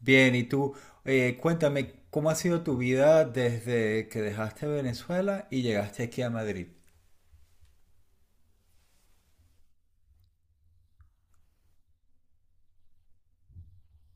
Bien, y tú, cuéntame, ¿cómo ha sido tu vida desde que dejaste Venezuela y llegaste aquí a Madrid?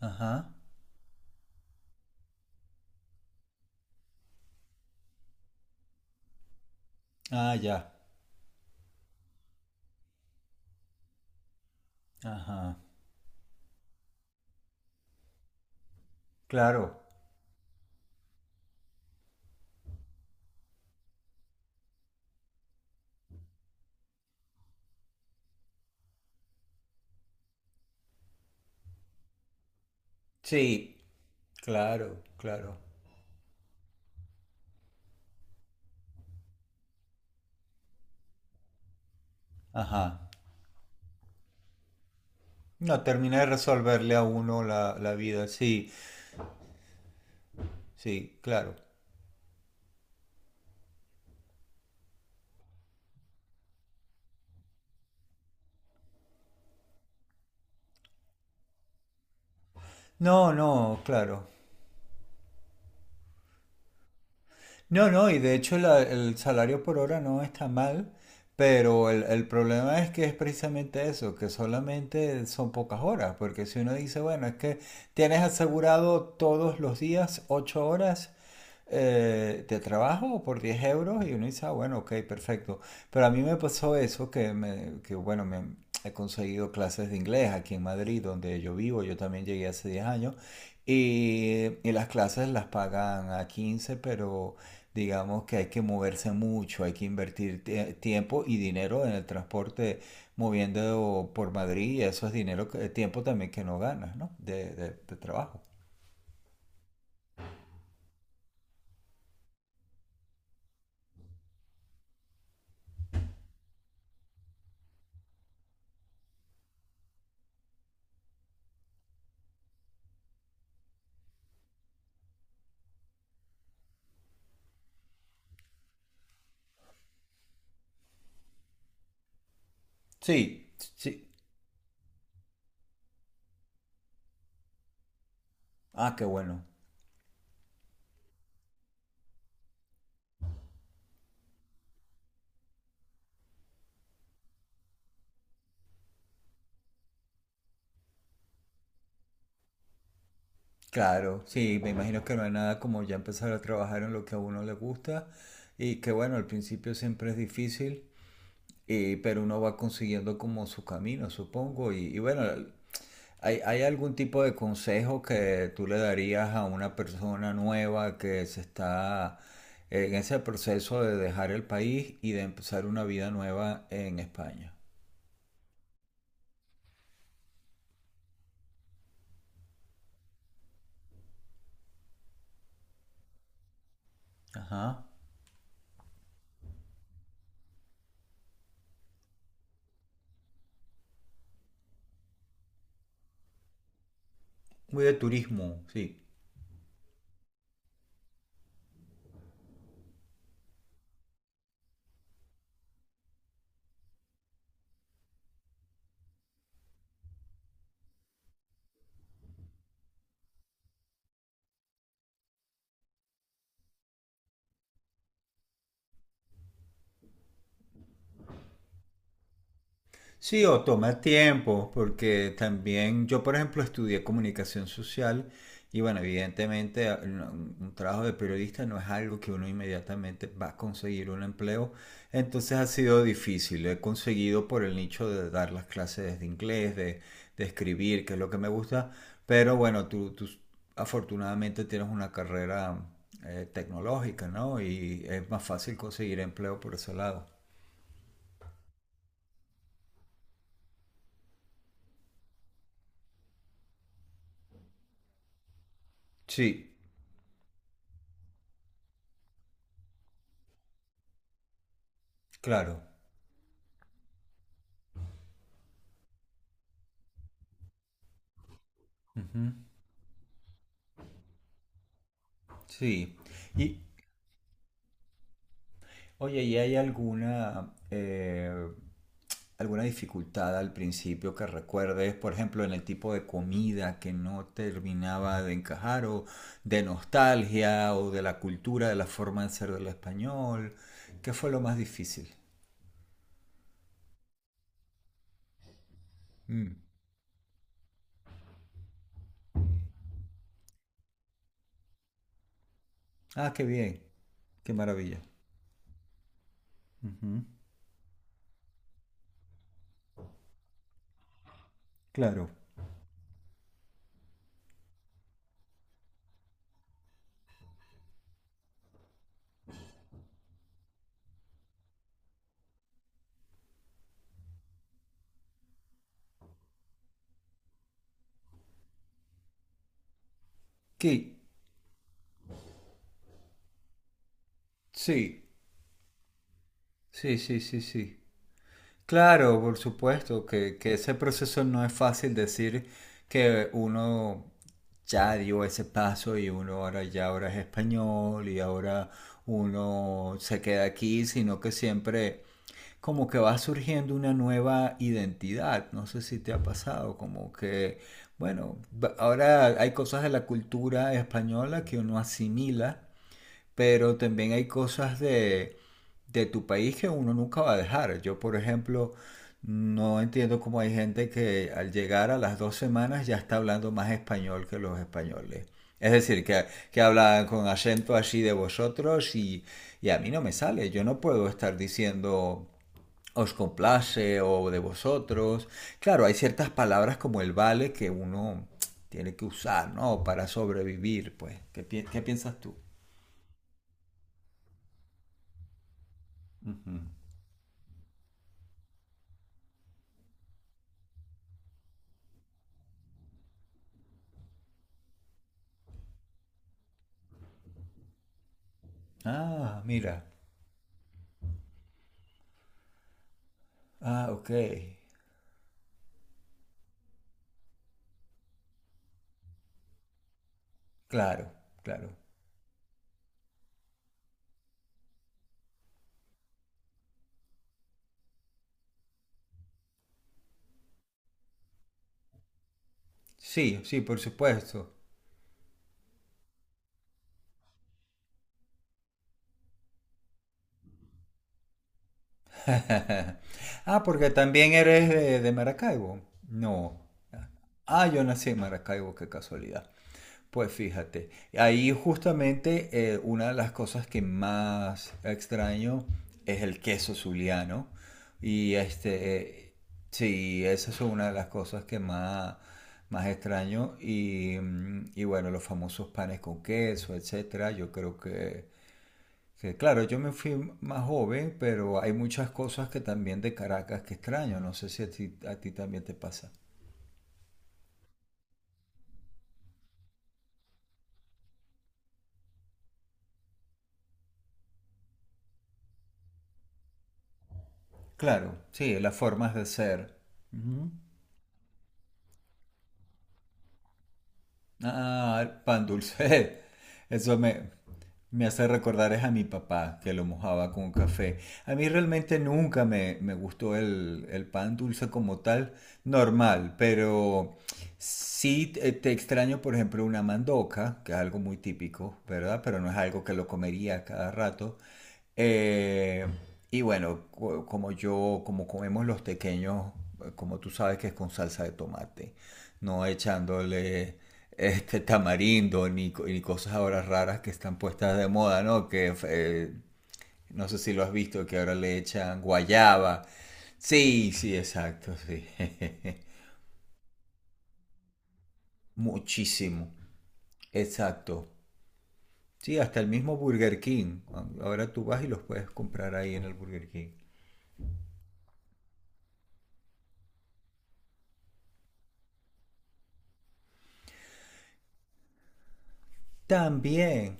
Ajá. Ah, ya. Ajá. Claro. Sí, claro, claro. Ajá. No, terminé de resolverle a uno la vida. Sí, sí, claro. No, no, claro. No, no, y de hecho la- el salario por hora no está mal, pero el problema es que es precisamente eso, que solamente son pocas horas, porque si uno dice, bueno, es que tienes asegurado todos los días 8 horas de trabajo por 10 euros y uno dice, ah, bueno, ok, perfecto. Pero a mí me pasó eso, que, me, que bueno, me he conseguido clases de inglés aquí en Madrid, donde yo vivo, yo también llegué hace 10 años, y las clases las pagan a 15 pero digamos que hay que moverse mucho, hay que invertir tiempo y dinero en el transporte moviendo por Madrid y eso es dinero, que- tiempo también que no ganas, ¿no? De, de trabajo. Sí, sí. Ah, qué bueno. Claro, sí, me imagino que no hay nada como ya empezar a trabajar en lo que a uno le gusta y que bueno, al principio siempre es difícil, y, pero uno va consiguiendo como su camino, supongo, y bueno, ¿hay, hay algún tipo de consejo que tú le darías a una persona nueva que se está en ese proceso de dejar el país y de empezar una vida nueva en España? Ajá. Muy de turismo, sí. Sí, o toma tiempo, porque también yo, por ejemplo, estudié comunicación social y bueno, evidentemente un trabajo de periodista no es algo que uno inmediatamente va a conseguir un empleo, entonces ha sido difícil. He conseguido por el nicho de dar las clases de inglés, de escribir, que es lo que me gusta, pero bueno, tú afortunadamente tienes una carrera tecnológica, ¿no? Y es más fácil conseguir empleo por ese lado. Sí, claro. Sí. Y, oye, ¿y hay alguna, alguna dificultad al principio que recuerdes, por ejemplo, en el tipo de comida que no terminaba de encajar, o de nostalgia, o de la cultura, de la forma de ser del español? ¿Qué fue lo más difícil? Mm. Ah, qué bien. Qué maravilla. Ujú. Claro. ¿Qué? Sí. Sí, sí, sí, sí. Claro, por supuesto, que ese proceso no es fácil decir que uno ya dio ese paso y uno ahora ya ahora es español y ahora uno se queda aquí, sino que siempre como que va surgiendo una nueva identidad. No sé si te ha pasado, como que, bueno, ahora hay cosas de la cultura española que uno asimila pero también hay cosas de tu país que uno nunca va a dejar. Yo, por ejemplo, no entiendo cómo hay gente que al llegar a las 2 semanas ya está hablando más español que los españoles. Es decir, que hablan con acento así de vosotros y a mí no me sale. Yo no puedo estar diciendo os complace o de vosotros. Claro, hay ciertas palabras como el vale que uno tiene que usar, ¿no? Para sobrevivir, pues. ¿Qué, qué piensas tú? Ah, mira. Ah, ok. Claro, claro. Sí, sí, por supuesto. Ah, porque también eres de Maracaibo. No. Ah, yo nací en Maracaibo, qué casualidad. Pues fíjate, ahí justamente una de las cosas que más extraño es el queso zuliano. Y este, sí, esa es una de las cosas que más, más extraño. Y, mm, y bueno, los famosos panes con queso, etcétera. Yo creo que, claro, yo me fui más joven, pero hay muchas cosas que también de Caracas que extraño. No sé si a ti, a ti también te pasa. Claro, sí, las formas de ser. Ah, el pan dulce. Eso me, me hace recordar es a mi papá que lo mojaba con café. A mí realmente nunca me, me gustó el pan dulce como tal, normal, pero sí te extraño, por ejemplo, una mandoca, que es algo muy típico, ¿verdad? Pero no es algo que lo comería cada rato. Eh, y bueno, como yo, como comemos los pequeños, como tú sabes que es con salsa de tomate, no echándole este tamarindo ni cosas ahora raras que están puestas de moda, ¿no? Que no sé si lo has visto, que ahora le echan guayaba. Sí, sí, exacto, sí. Muchísimo, exacto. Sí, hasta el mismo Burger King. Ahora tú vas y los puedes comprar ahí en el Burger King. También,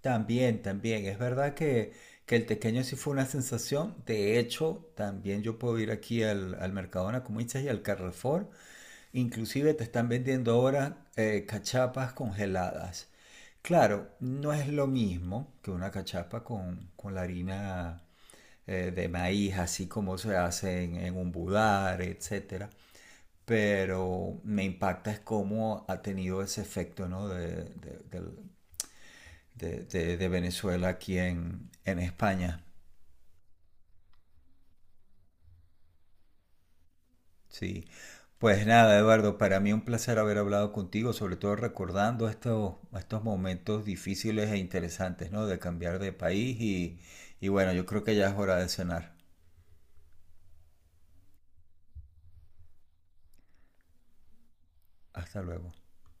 también, también. Es verdad que el tequeño sí fue una sensación. De hecho, también yo puedo ir aquí al, al Mercadona, como dices, y al Carrefour inclusive te están vendiendo ahora cachapas congeladas. Claro, no es lo mismo que una cachapa con la harina de maíz, así como se hace en un budar, etcétera. Pero me impacta es cómo ha tenido ese efecto, ¿no? De, de Venezuela aquí en España. Sí, pues nada, Eduardo, para mí un placer haber hablado contigo, sobre todo recordando estos, estos momentos difíciles e interesantes, ¿no? De cambiar de país y bueno, yo creo que ya es hora de cenar. Hasta luego.